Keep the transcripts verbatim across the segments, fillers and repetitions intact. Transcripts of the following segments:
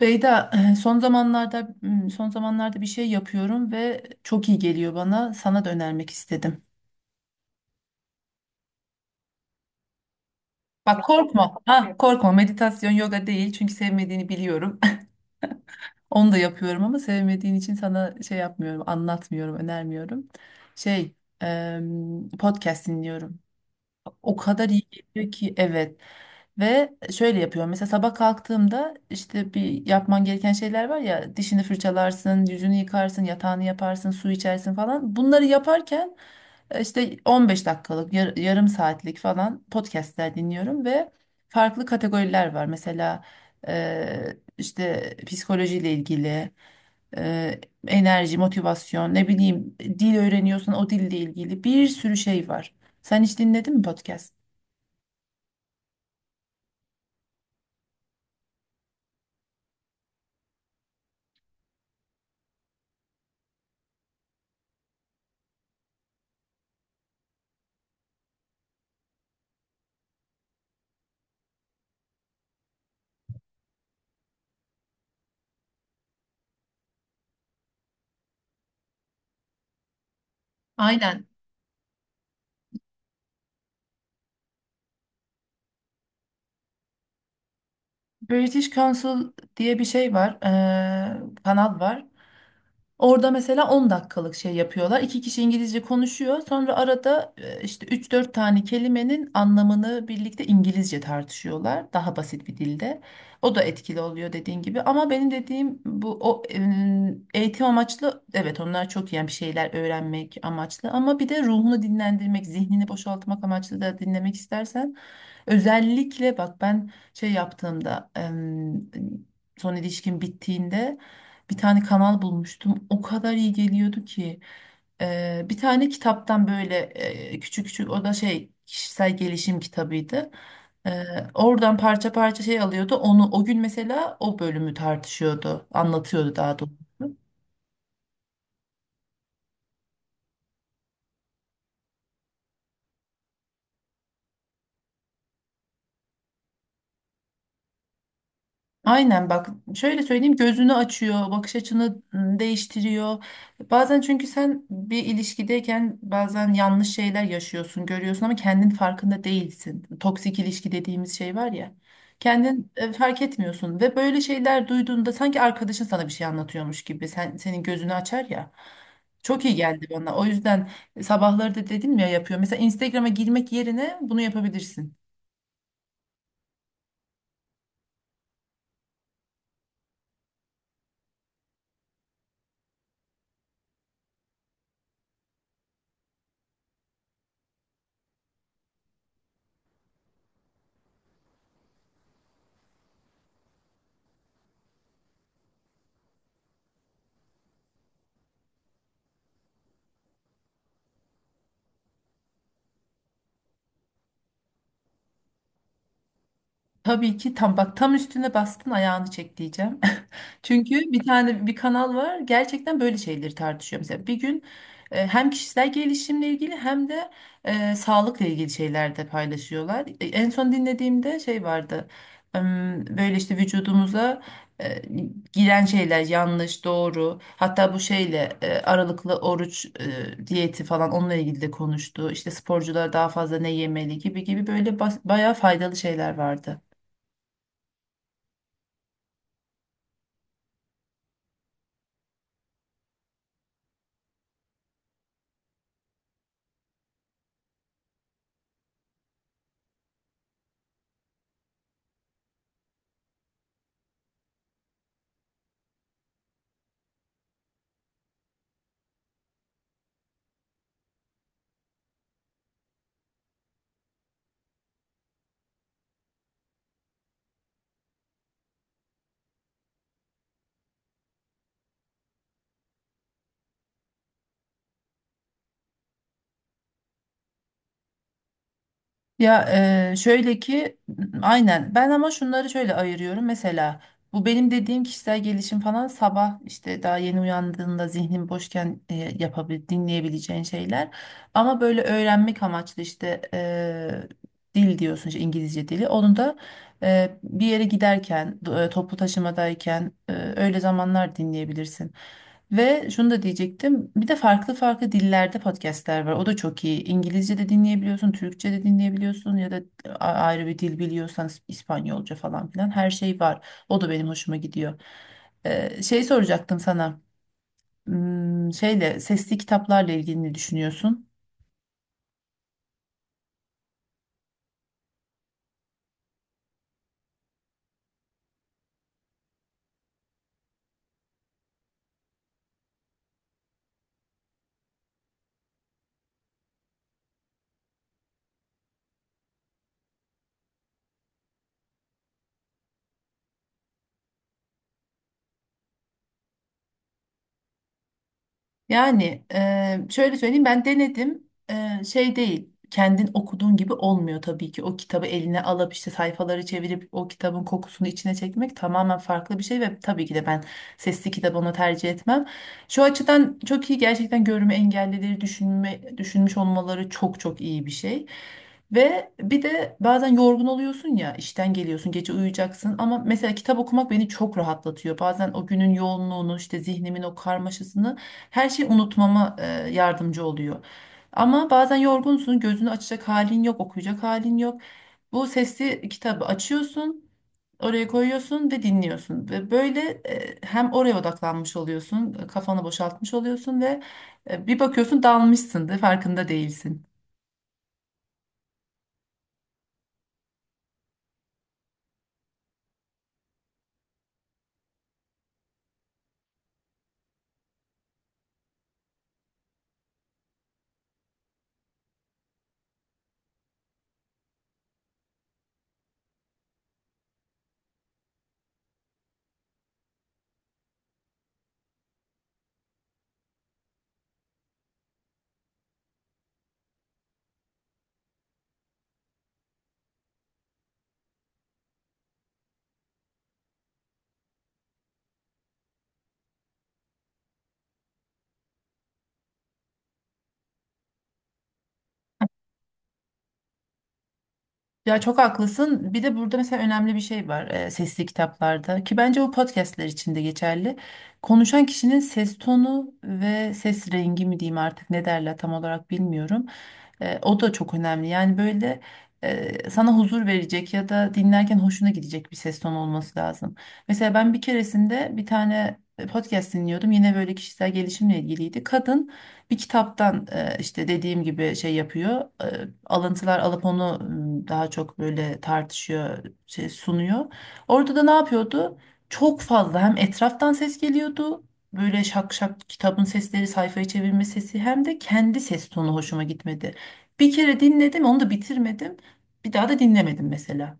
Beyda, eh, son zamanlarda hmm, son zamanlarda bir şey yapıyorum ve çok iyi geliyor bana. Sana da önermek istedim. Bak korkma. Ha, korkma. Meditasyon, yoga değil. Çünkü sevmediğini biliyorum. Onu da yapıyorum ama sevmediğin için sana şey yapmıyorum, anlatmıyorum, önermiyorum. Şey, em, podcast dinliyorum. O kadar iyi geliyor ki, evet. Ve şöyle yapıyorum. Mesela sabah kalktığımda işte bir yapman gereken şeyler var ya, dişini fırçalarsın, yüzünü yıkarsın, yatağını yaparsın, su içersin falan. Bunları yaparken e, işte on beş dakikalık, yar- yarım saatlik falan podcastler dinliyorum ve farklı kategoriler var. Mesela e, işte psikolojiyle ilgili, e, enerji, motivasyon, ne bileyim, dil öğreniyorsun, o dille ilgili bir sürü şey var. Sen hiç dinledin mi podcast? Aynen. British Council diye bir şey var, eee, kanal var. Orada mesela on dakikalık şey yapıyorlar. İki kişi İngilizce konuşuyor. Sonra arada e, işte üç dört tane kelimenin anlamını birlikte İngilizce tartışıyorlar. Daha basit bir dilde. O da etkili oluyor, dediğin gibi. Ama benim dediğim bu o em, eğitim amaçlı, evet, onlar çok iyi yani, bir şeyler öğrenmek amaçlı, ama bir de ruhunu dinlendirmek, zihnini boşaltmak amaçlı da dinlemek istersen, özellikle bak, ben şey yaptığımda, em, son ilişkim bittiğinde bir tane kanal bulmuştum. O kadar iyi geliyordu ki. Ee, bir tane kitaptan böyle e, küçük küçük, o da şey, kişisel gelişim kitabıydı. Ee, oradan parça parça şey alıyordu. Onu o gün mesela o bölümü tartışıyordu, anlatıyordu daha doğrusu. Aynen bak, şöyle söyleyeyim, gözünü açıyor, bakış açını ım, değiştiriyor. Bazen çünkü sen bir ilişkideyken bazen yanlış şeyler yaşıyorsun, görüyorsun ama kendin farkında değilsin. Toksik ilişki dediğimiz şey var ya. Kendin e, fark etmiyorsun ve böyle şeyler duyduğunda sanki arkadaşın sana bir şey anlatıyormuş gibi sen, senin gözünü açar ya. Çok iyi geldi bana. O yüzden sabahları da dedim ya, yapıyor. Mesela Instagram'a girmek yerine bunu yapabilirsin. Tabii ki, tam bak, tam üstüne bastın, ayağını çek diyeceğim. Çünkü bir tane bir kanal var, gerçekten böyle şeyleri tartışıyor. Mesela bir gün e, hem kişisel gelişimle ilgili hem de e, sağlıkla ilgili şeyler de paylaşıyorlar. E, en son dinlediğimde şey vardı, em, böyle işte vücudumuza e, giren şeyler yanlış doğru, hatta bu şeyle e, aralıklı oruç e, diyeti falan, onunla ilgili de konuştu. İşte sporcular daha fazla ne yemeli gibi gibi, böyle bas- bayağı faydalı şeyler vardı. Ya eee, şöyle ki, aynen ben, ama şunları şöyle ayırıyorum mesela, bu benim dediğim kişisel gelişim falan, sabah işte daha yeni uyandığında zihnin boşken eee yapabil dinleyebileceğin şeyler, ama böyle öğrenmek amaçlı, işte eee, dil diyorsun işte, İngilizce dili, onu da eee, bir yere giderken do- eee, toplu taşımadayken, eee, öyle zamanlar dinleyebilirsin. Ve şunu da diyecektim. Bir de farklı farklı dillerde podcastler var. O da çok iyi. İngilizce de dinleyebiliyorsun, Türkçe de dinleyebiliyorsun, ya da a- ayrı bir dil biliyorsan İspanyolca falan filan, her şey var. O da benim hoşuma gidiyor. Ee, şey soracaktım sana. Hmm, şeyle, sesli kitaplarla ilgili ne düşünüyorsun? Yani eee, şöyle söyleyeyim, ben denedim. Eee, şey değil, kendin okuduğun gibi olmuyor tabii ki, o kitabı eline alıp işte sayfaları çevirip o kitabın kokusunu içine çekmek tamamen farklı bir şey ve tabii ki de ben sesli kitabı ona tercih etmem. Şu açıdan çok iyi gerçekten, görme engellileri düşünme, düşünmüş olmaları çok çok iyi bir şey. Ve bir de bazen yorgun oluyorsun ya, işten geliyorsun, gece uyuyacaksın, ama mesela kitap okumak beni çok rahatlatıyor. Bazen o günün yoğunluğunu, işte zihnimin o karmaşasını, her şeyi unutmama e, yardımcı oluyor. Ama bazen yorgunsun, gözünü açacak halin yok, okuyacak halin yok. Bu sesli kitabı açıyorsun, oraya koyuyorsun ve dinliyorsun. Ve böyle e, hem oraya odaklanmış oluyorsun, kafanı boşaltmış oluyorsun ve e, bir bakıyorsun dalmışsın da farkında değilsin. Ya çok haklısın. Bir de burada mesela önemli bir şey var e, sesli kitaplarda ki bence bu podcastler için de geçerli. Konuşan kişinin ses tonu ve ses rengi mi diyeyim artık, ne derler tam olarak bilmiyorum. E, o da çok önemli. Yani böyle e, sana huzur verecek ya da dinlerken hoşuna gidecek bir ses tonu olması lazım. Mesela ben bir keresinde bir tane podcast dinliyordum. Yine böyle kişisel gelişimle ilgiliydi. Kadın bir kitaptan e, işte dediğim gibi şey yapıyor. e, Alıntılar alıp onu m, daha çok böyle tartışıyor, şey sunuyor. Orada da ne yapıyordu? Çok fazla hem etraftan ses geliyordu. Böyle şak şak kitabın sesleri, sayfayı çevirme sesi, hem de kendi ses tonu hoşuma gitmedi. Bir kere dinledim, onu da bitirmedim. Bir daha da dinlemedim mesela.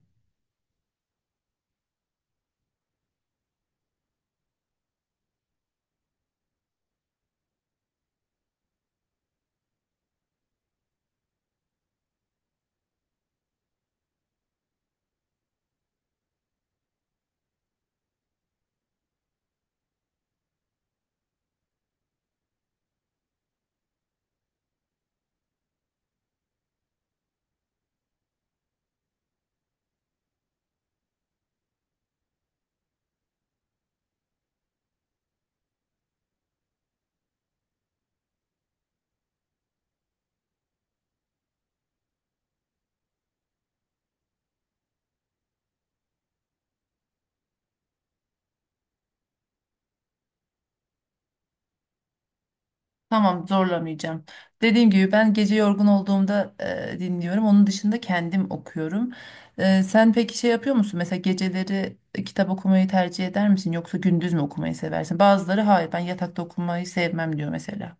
Tamam, zorlamayacağım. Dediğim gibi ben gece yorgun olduğumda e, dinliyorum. Onun dışında kendim okuyorum. E, sen peki şey yapıyor musun? Mesela geceleri e, kitap okumayı tercih eder misin? Yoksa gündüz mü okumayı seversin? Bazıları hayır ben yatakta okumayı sevmem diyor mesela.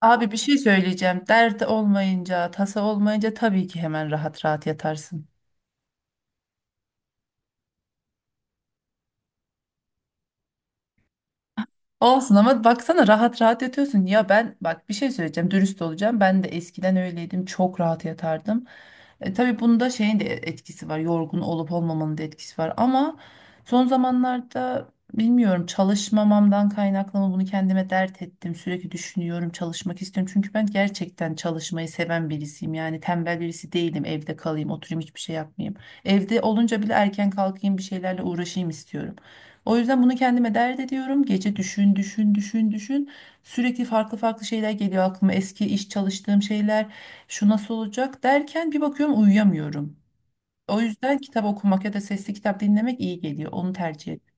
Abi bir şey söyleyeceğim. Dert olmayınca, tasa olmayınca tabii ki hemen rahat rahat yatarsın. Olsun ama baksana rahat rahat yatıyorsun. Ya ben bak, bir şey söyleyeceğim, dürüst olacağım. Ben de eskiden öyleydim, çok rahat yatardım. E, tabii bunda şeyin de etkisi var, yorgun olup olmamanın da etkisi var. Ama son zamanlarda bilmiyorum, çalışmamamdan kaynaklı mı, bunu kendime dert ettim. Sürekli düşünüyorum, çalışmak istiyorum. Çünkü ben gerçekten çalışmayı seven birisiyim. Yani tembel birisi değilim, evde kalayım, oturayım, hiçbir şey yapmayayım. Evde olunca bile erken kalkayım, bir şeylerle uğraşayım istiyorum. O yüzden bunu kendime dert ediyorum. Gece düşün, düşün, düşün, düşün. Sürekli farklı farklı şeyler geliyor aklıma. Eski iş, çalıştığım şeyler, şu nasıl olacak derken, bir bakıyorum uyuyamıyorum. O yüzden kitap okumak ya da sesli kitap dinlemek iyi geliyor. Onu tercih ediyorum.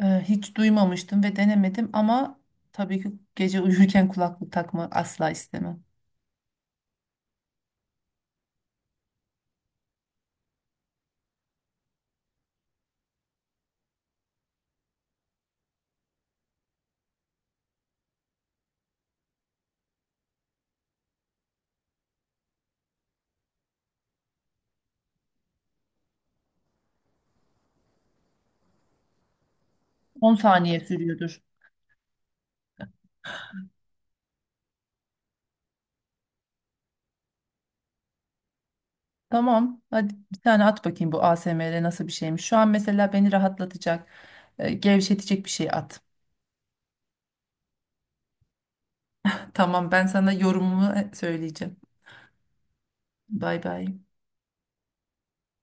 Ee, hiç duymamıştım ve denemedim, ama tabii ki gece uyurken kulaklık takma asla istemem. on saniye sürüyordur. Tamam. Hadi bir tane at bakayım, bu A S M R nasıl bir şeymiş. Şu an mesela beni rahatlatacak, e, gevşetecek bir şey at. Tamam, ben sana yorumumu söyleyeceğim. Bay bay.